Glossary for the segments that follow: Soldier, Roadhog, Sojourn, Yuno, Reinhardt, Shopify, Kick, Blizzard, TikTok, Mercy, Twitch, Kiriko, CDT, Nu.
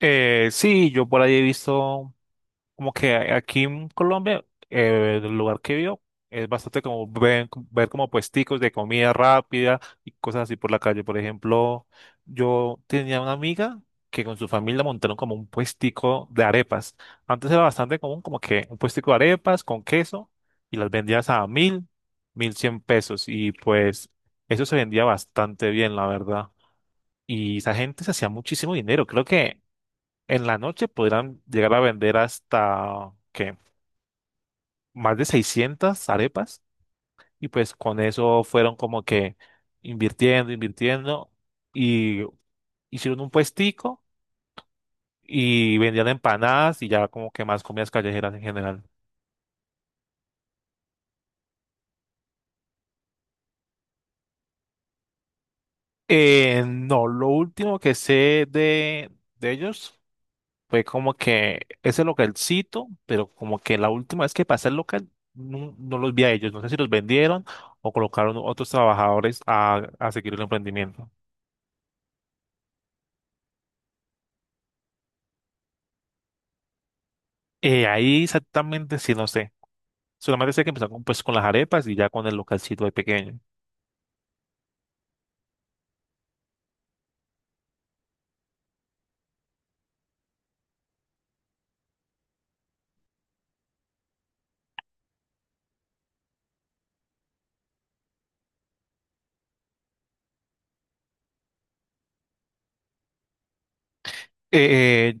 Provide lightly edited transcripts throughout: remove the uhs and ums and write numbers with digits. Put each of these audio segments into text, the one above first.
Sí, yo por ahí he visto como que aquí en Colombia, el lugar que vio es bastante como ver, como puesticos de comida rápida y cosas así por la calle. Por ejemplo, yo tenía una amiga que con su familia montaron como un puestico de arepas. Antes era bastante común como que un puestico de arepas con queso y las vendías a 1000, 1100 pesos y pues eso se vendía bastante bien, la verdad. Y esa gente se hacía muchísimo dinero. Creo que en la noche podrán llegar a vender hasta, ¿qué? Más de 600 arepas. Y pues con eso fueron como que invirtiendo, invirtiendo. Y hicieron un puestico y vendían empanadas y ya como que más comidas callejeras en general. No, lo último que sé de ellos fue como que ese localcito, pero como que la última vez que pasé el local no, no los vi a ellos. No sé si los vendieron o colocaron otros trabajadores a seguir el emprendimiento. Ahí exactamente sí, no sé. Solamente sé que empezaron con, pues, con las arepas y ya con el localcito de pequeño. Eh,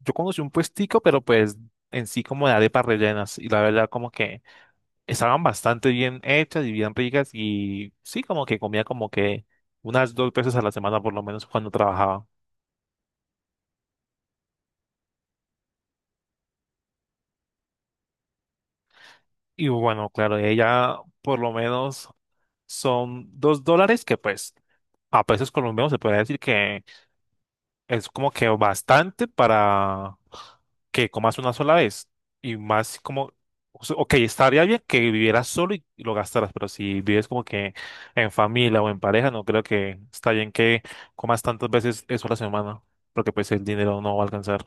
yo conocí un puestico, pero pues en sí como de arepas rellenas. Y la verdad como que estaban bastante bien hechas y bien ricas. Y sí, como que comía como que unas dos veces a la semana por lo menos cuando trabajaba. Y bueno, claro, ella por lo menos son $2 que pues a pesos colombianos se puede decir que es como que bastante para que comas una sola vez. Y más como, o sea, ok, estaría bien que vivieras solo y lo gastaras, pero si vives como que en familia o en pareja, no creo que está bien que comas tantas veces eso a la semana, porque pues el dinero no va a alcanzar.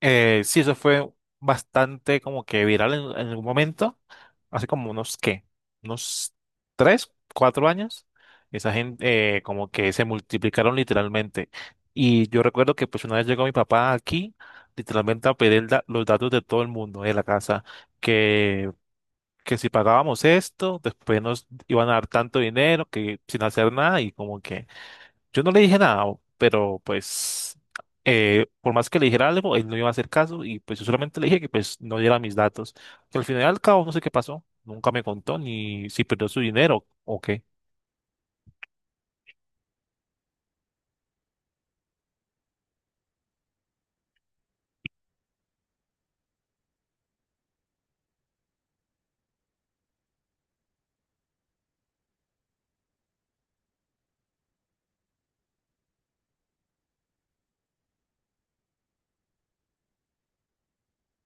Sí, eso fue bastante como que viral en algún momento. Hace como unos, ¿qué? Unos 3, 4 años. Esa gente como que se multiplicaron literalmente. Y yo recuerdo que pues una vez llegó mi papá aquí, literalmente a pedir los datos de todo el mundo de la casa, que, que si pagábamos esto, después nos iban a dar tanto dinero, que sin hacer nada y como que. Yo no le dije nada, pero pues por más que le dijera algo, él no iba a hacer caso y pues yo solamente le dije que pues no diera mis datos. Que al final y al cabo no sé qué pasó, nunca me contó ni si perdió su dinero o qué.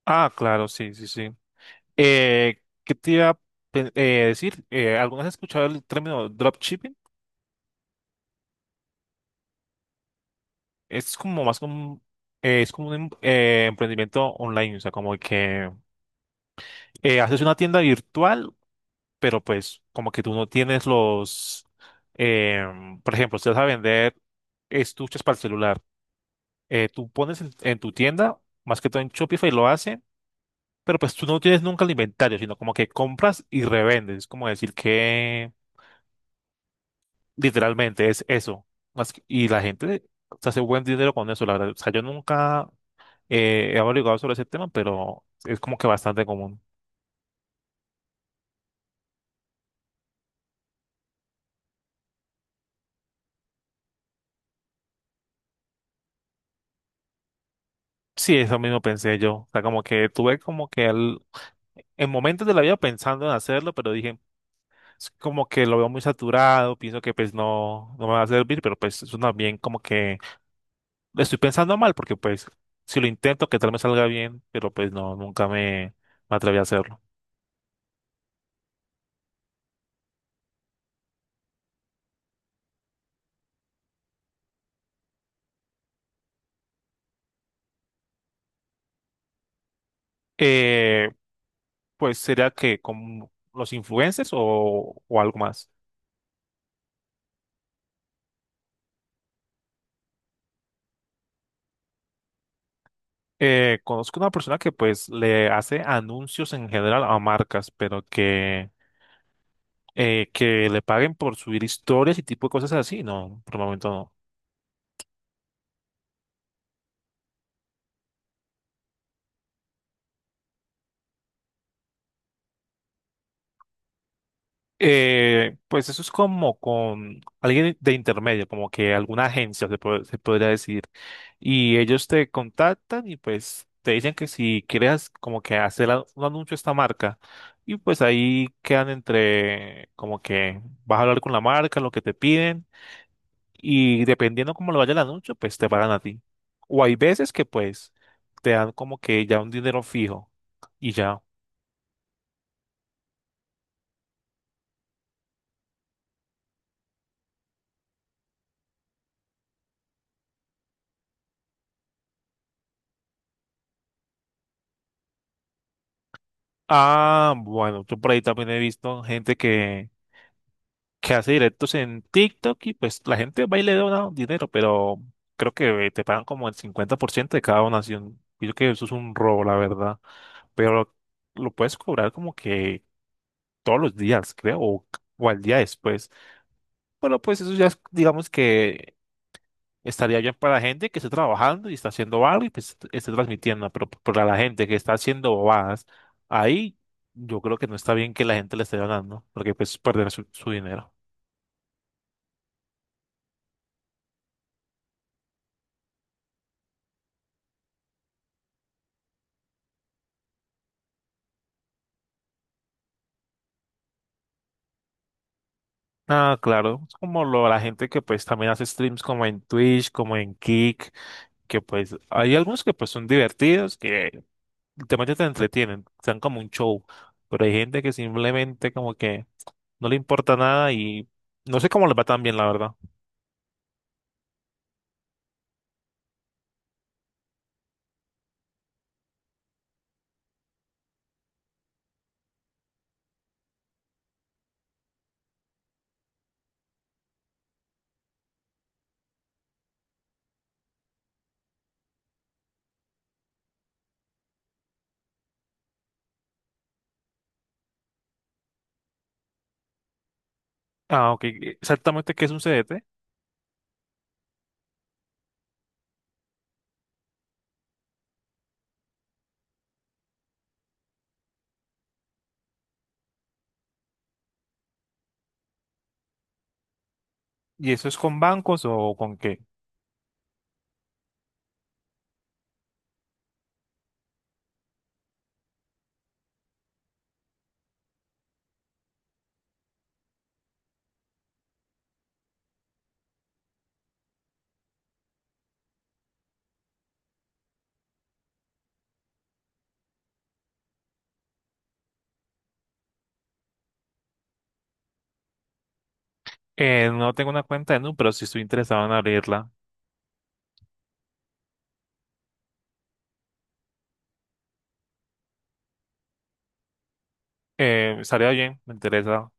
Ah, claro, sí, sí, sí. ¿Qué te iba a decir? ¿Alguna vez has escuchado el término dropshipping? Es como más como, es como un emprendimiento online, o sea, como que haces una tienda virtual pero pues como que tú no tienes los, por ejemplo, si vas a vender estuches para el celular, tú pones en tu tienda, más que todo en Shopify lo hacen, pero pues tú no tienes nunca el inventario, sino como que compras y revendes, es como decir que literalmente es eso. Más y la gente se hace buen dinero con eso, la verdad. O sea, yo nunca he averiguado sobre ese tema, pero es como que bastante común. Sí, eso mismo pensé yo. O sea, como que tuve como que el en momentos de la vida pensando en hacerlo, pero dije, es como que lo veo muy saturado, pienso que pues no, no me va a servir, pero pues es una bien como que lo estoy pensando mal, porque pues si lo intento, que tal me salga bien, pero pues no, nunca me, me atreví a hacerlo. Eh, pues sería que con los influencers o algo más. Conozco una persona que pues le hace anuncios en general a marcas, pero que le paguen por subir historias y tipo de cosas así, no, por el momento no. Pues eso es como con alguien de intermedio, como que alguna agencia se podría decir. Y ellos te contactan y pues te dicen que si quieres como que hacer un anuncio a esta marca. Y pues ahí quedan entre como que vas a hablar con la marca, lo que te piden. Y dependiendo cómo le vaya el anuncio, pues te pagan a ti. O hay veces que pues te dan como que ya un dinero fijo y ya. Ah, bueno, yo por ahí también he visto gente que hace directos en TikTok y pues la gente va y le dona dinero, pero creo que te pagan como el 50% de cada donación. Y yo que eso es un robo, la verdad. Pero lo puedes cobrar como que todos los días, creo, o al día después. Pero pues eso ya es, digamos que estaría bien para la gente que esté trabajando y está haciendo algo y pues esté transmitiendo, pero para la gente que está haciendo bobadas, ahí yo creo que no está bien que la gente le esté donando, porque pues perder su dinero. Ah, claro, es como lo, la gente que pues también hace streams como en Twitch, como en Kick, que pues hay algunos que pues son divertidos, que literalmente te entretienen, sean como un show, pero hay gente que simplemente como que no le importa nada y no sé cómo les va tan bien, la verdad. Ah, ok, exactamente qué es un CDT y eso es con bancos o con qué. No tengo una cuenta en Nu, pero sí estoy interesado en abrirla. Estaría bien, me interesa.